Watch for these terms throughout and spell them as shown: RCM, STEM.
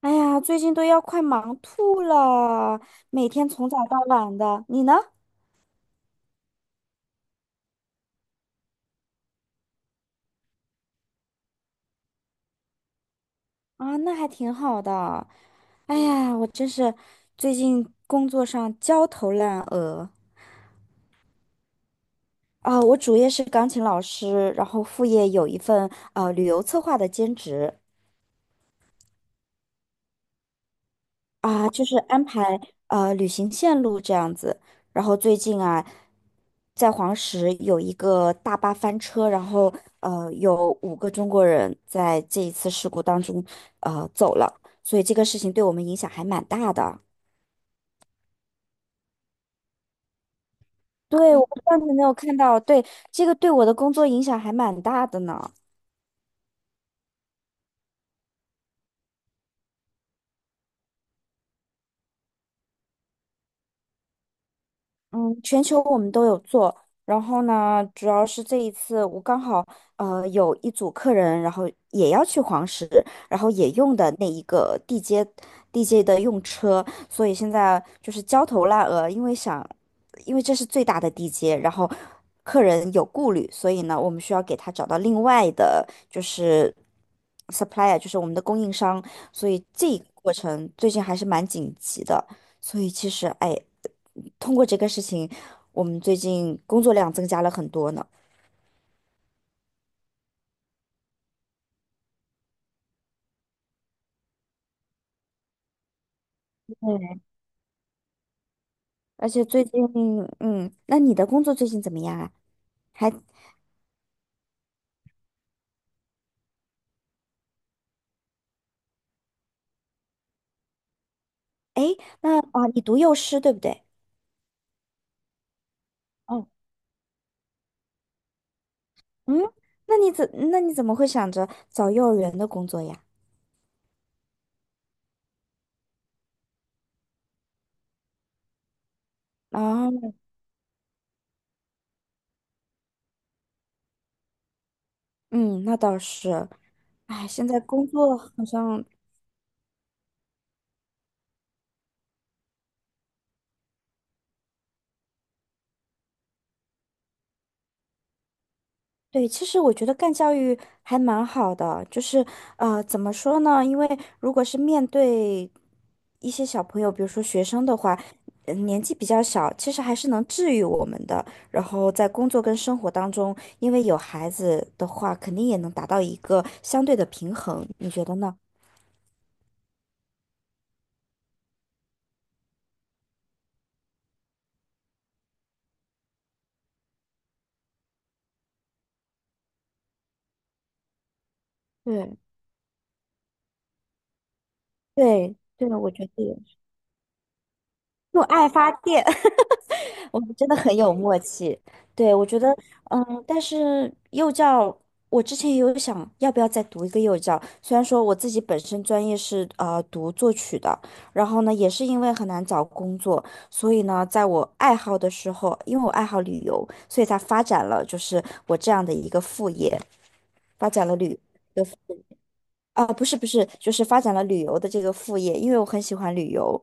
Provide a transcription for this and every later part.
哎呀，最近都要快忙吐了，每天从早到晚的。你呢？啊，那还挺好的。哎呀，我真是最近工作上焦头烂额啊！我主业是钢琴老师，然后副业有一份旅游策划的兼职。啊，就是安排旅行线路这样子。然后最近啊，在黄石有一个大巴翻车，然后有五个中国人在这一次事故当中走了，所以这个事情对我们影响还蛮大的。对，我不知道你有没有看到，对，这个对我的工作影响还蛮大的呢。嗯，全球我们都有做，然后呢，主要是这一次我刚好有一组客人，然后也要去黄石，然后也用的那一个地接的用车，所以现在就是焦头烂额，因为这是最大的地接，然后客人有顾虑，所以呢，我们需要给他找到另外的就是 supplier，就是我们的供应商，所以这一个过程最近还是蛮紧急的。所以其实，哎，通过这个事情，我们最近工作量增加了很多呢。对，而且最近，嗯，那你的工作最近怎么样啊？还，哎，那啊，你读幼师对不对？哦，嗯，那你怎么会想着找幼儿园的工作呀？啊，嗯，那倒是，哎，现在工作好像对，其实我觉得干教育还蛮好的，就是呃，怎么说呢？因为如果是面对一些小朋友，比如说学生的话，年纪比较小，其实还是能治愈我们的。然后在工作跟生活当中，因为有孩子的话，肯定也能达到一个相对的平衡，你觉得呢？对。对，对，我觉得也是用爱发电。我们真的很有默契，对，我觉得，嗯，但是幼教，我之前也有想要不要再读一个幼教，虽然说我自己本身专业是读作曲的，然后呢，也是因为很难找工作，所以呢，在我爱好的时候，因为我爱好旅游，所以才发展了就是我这样的一个副业，发展了旅的啊，不是不是，就是发展了旅游的这个副业，因为我很喜欢旅游，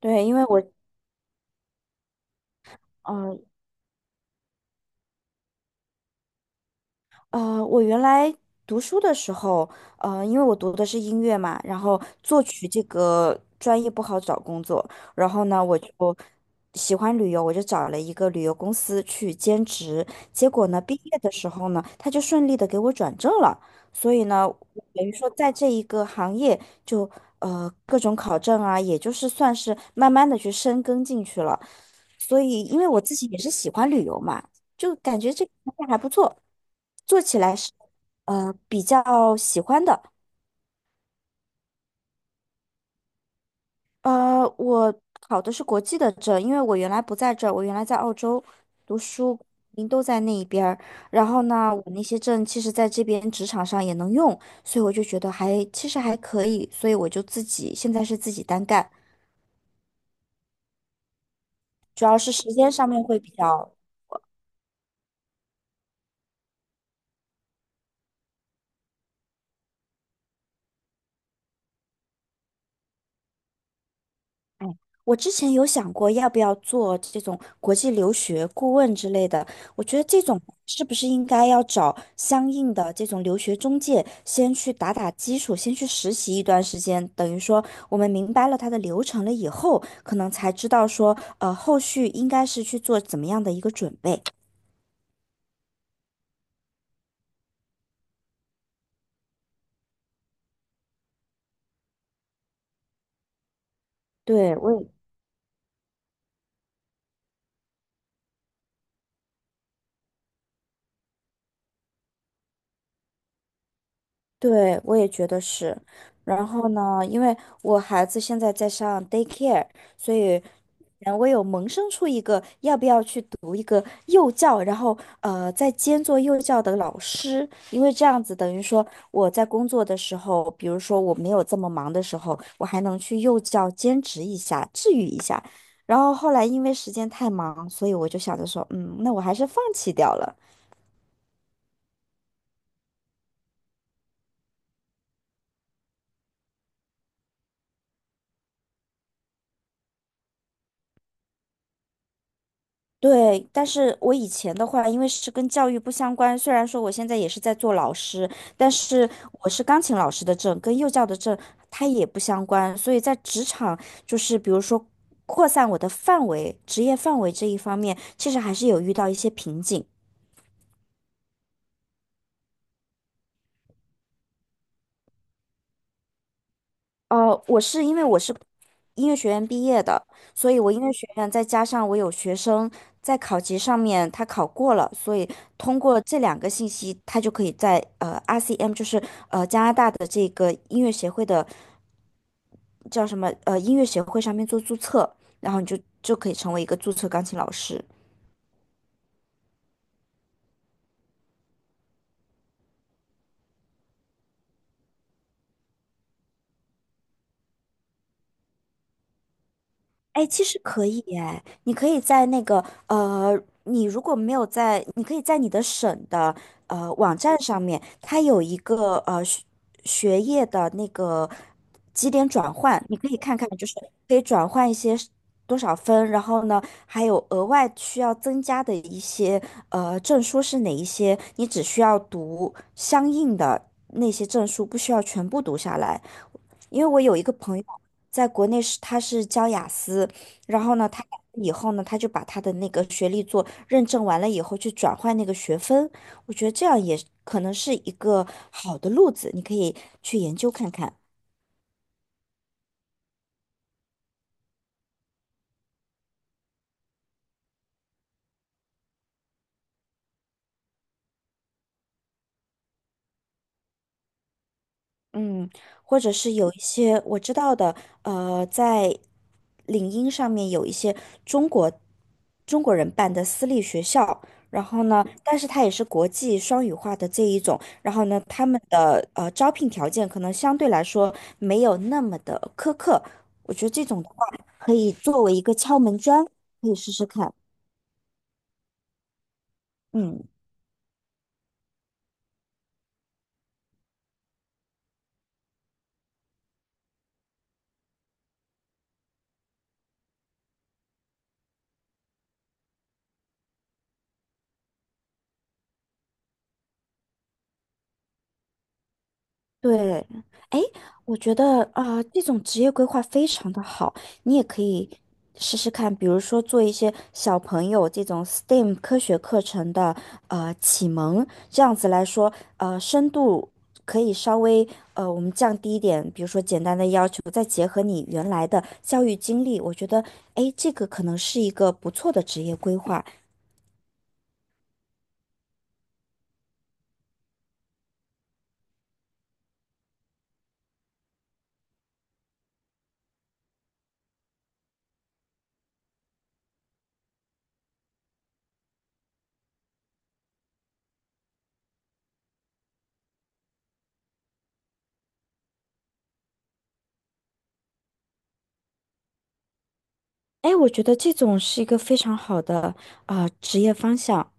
对，因为我。嗯。呃，我原来读书的时候，呃，因为我读的是音乐嘛，然后作曲这个专业不好找工作，然后呢，我就喜欢旅游，我就找了一个旅游公司去兼职，结果呢，毕业的时候呢，他就顺利的给我转正了，所以呢，我等于说在这一个行业就各种考证啊，也就是算是慢慢的去深耕进去了，所以因为我自己也是喜欢旅游嘛。就感觉这个产还不错，做起来是比较喜欢的。呃，我考的是国际的证，因为我原来不在这儿，我原来在澳洲读书，您都在那一边儿。然后呢，我那些证其实在这边职场上也能用，所以我就觉得还其实还可以，所以我就自己现在是自己单干，主要是时间上面会比较哎，我之前有想过要不要做这种国际留学顾问之类的，我觉得这种是不是应该要找相应的这种留学中介，先去打打基础，先去实习一段时间，等于说我们明白了它的流程了以后，可能才知道说，呃，后续应该是去做怎么样的一个准备。对，我也对，我也觉得是。然后呢，因为我孩子现在在上 daycare，所以我有萌生出一个要不要去读一个幼教，然后再兼做幼教的老师，因为这样子等于说我在工作的时候，比如说我没有这么忙的时候，我还能去幼教兼职一下，治愈一下。然后后来因为时间太忙，所以我就想着说，嗯，那我还是放弃掉了。对，但是我以前的话，因为是跟教育不相关，虽然说我现在也是在做老师，但是我是钢琴老师的证，跟幼教的证它也不相关，所以在职场就是比如说扩散我的范围、职业范围这一方面，其实还是有遇到一些瓶颈。哦，我是因为我是音乐学院毕业的，所以我音乐学院再加上我有学生在考级上面他考过了，所以通过这两个信息，他就可以在RCM 就是加拿大的这个音乐协会的叫什么音乐协会上面做注册，然后你就可以成为一个注册钢琴老师。哎，其实可以哎，你可以在那个呃，你如果没有在，你可以在你的省的网站上面，它有一个学业的那个几点转换，你可以看看，就是可以转换一些是多少分，然后呢，还有额外需要增加的一些证书是哪一些，你只需要读相应的那些证书，不需要全部读下来。因为我有一个朋友在国内是他是教雅思，然后呢，他以后呢，他就把他的那个学历做认证完了以后去转换那个学分，我觉得这样也可能是一个好的路子，你可以去研究看看。嗯，或者是有一些我知道的，呃，在领英上面有一些中国中国人办的私立学校，然后呢，但是它也是国际双语化的这一种，然后呢，他们的招聘条件可能相对来说没有那么的苛刻，我觉得这种的话可以作为一个敲门砖，可以试试看。嗯，对，哎，我觉得啊、这种职业规划非常的好，你也可以试试看，比如说做一些小朋友这种 STEM 科学课程的启蒙，这样子来说，呃，深度可以稍微我们降低一点，比如说简单的要求，再结合你原来的教育经历，我觉得哎，诶这个可能是一个不错的职业规划。哎，我觉得这种是一个非常好的啊、职业方向。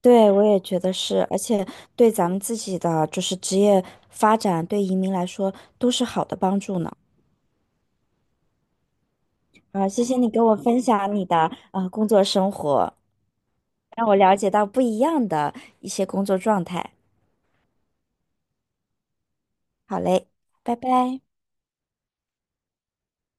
对，我也觉得是，而且对咱们自己的就是职业发展，对移民来说都是好的帮助呢。啊，谢谢你给我分享你的工作生活，让我了解到不一样的一些工作状态。好嘞，拜拜。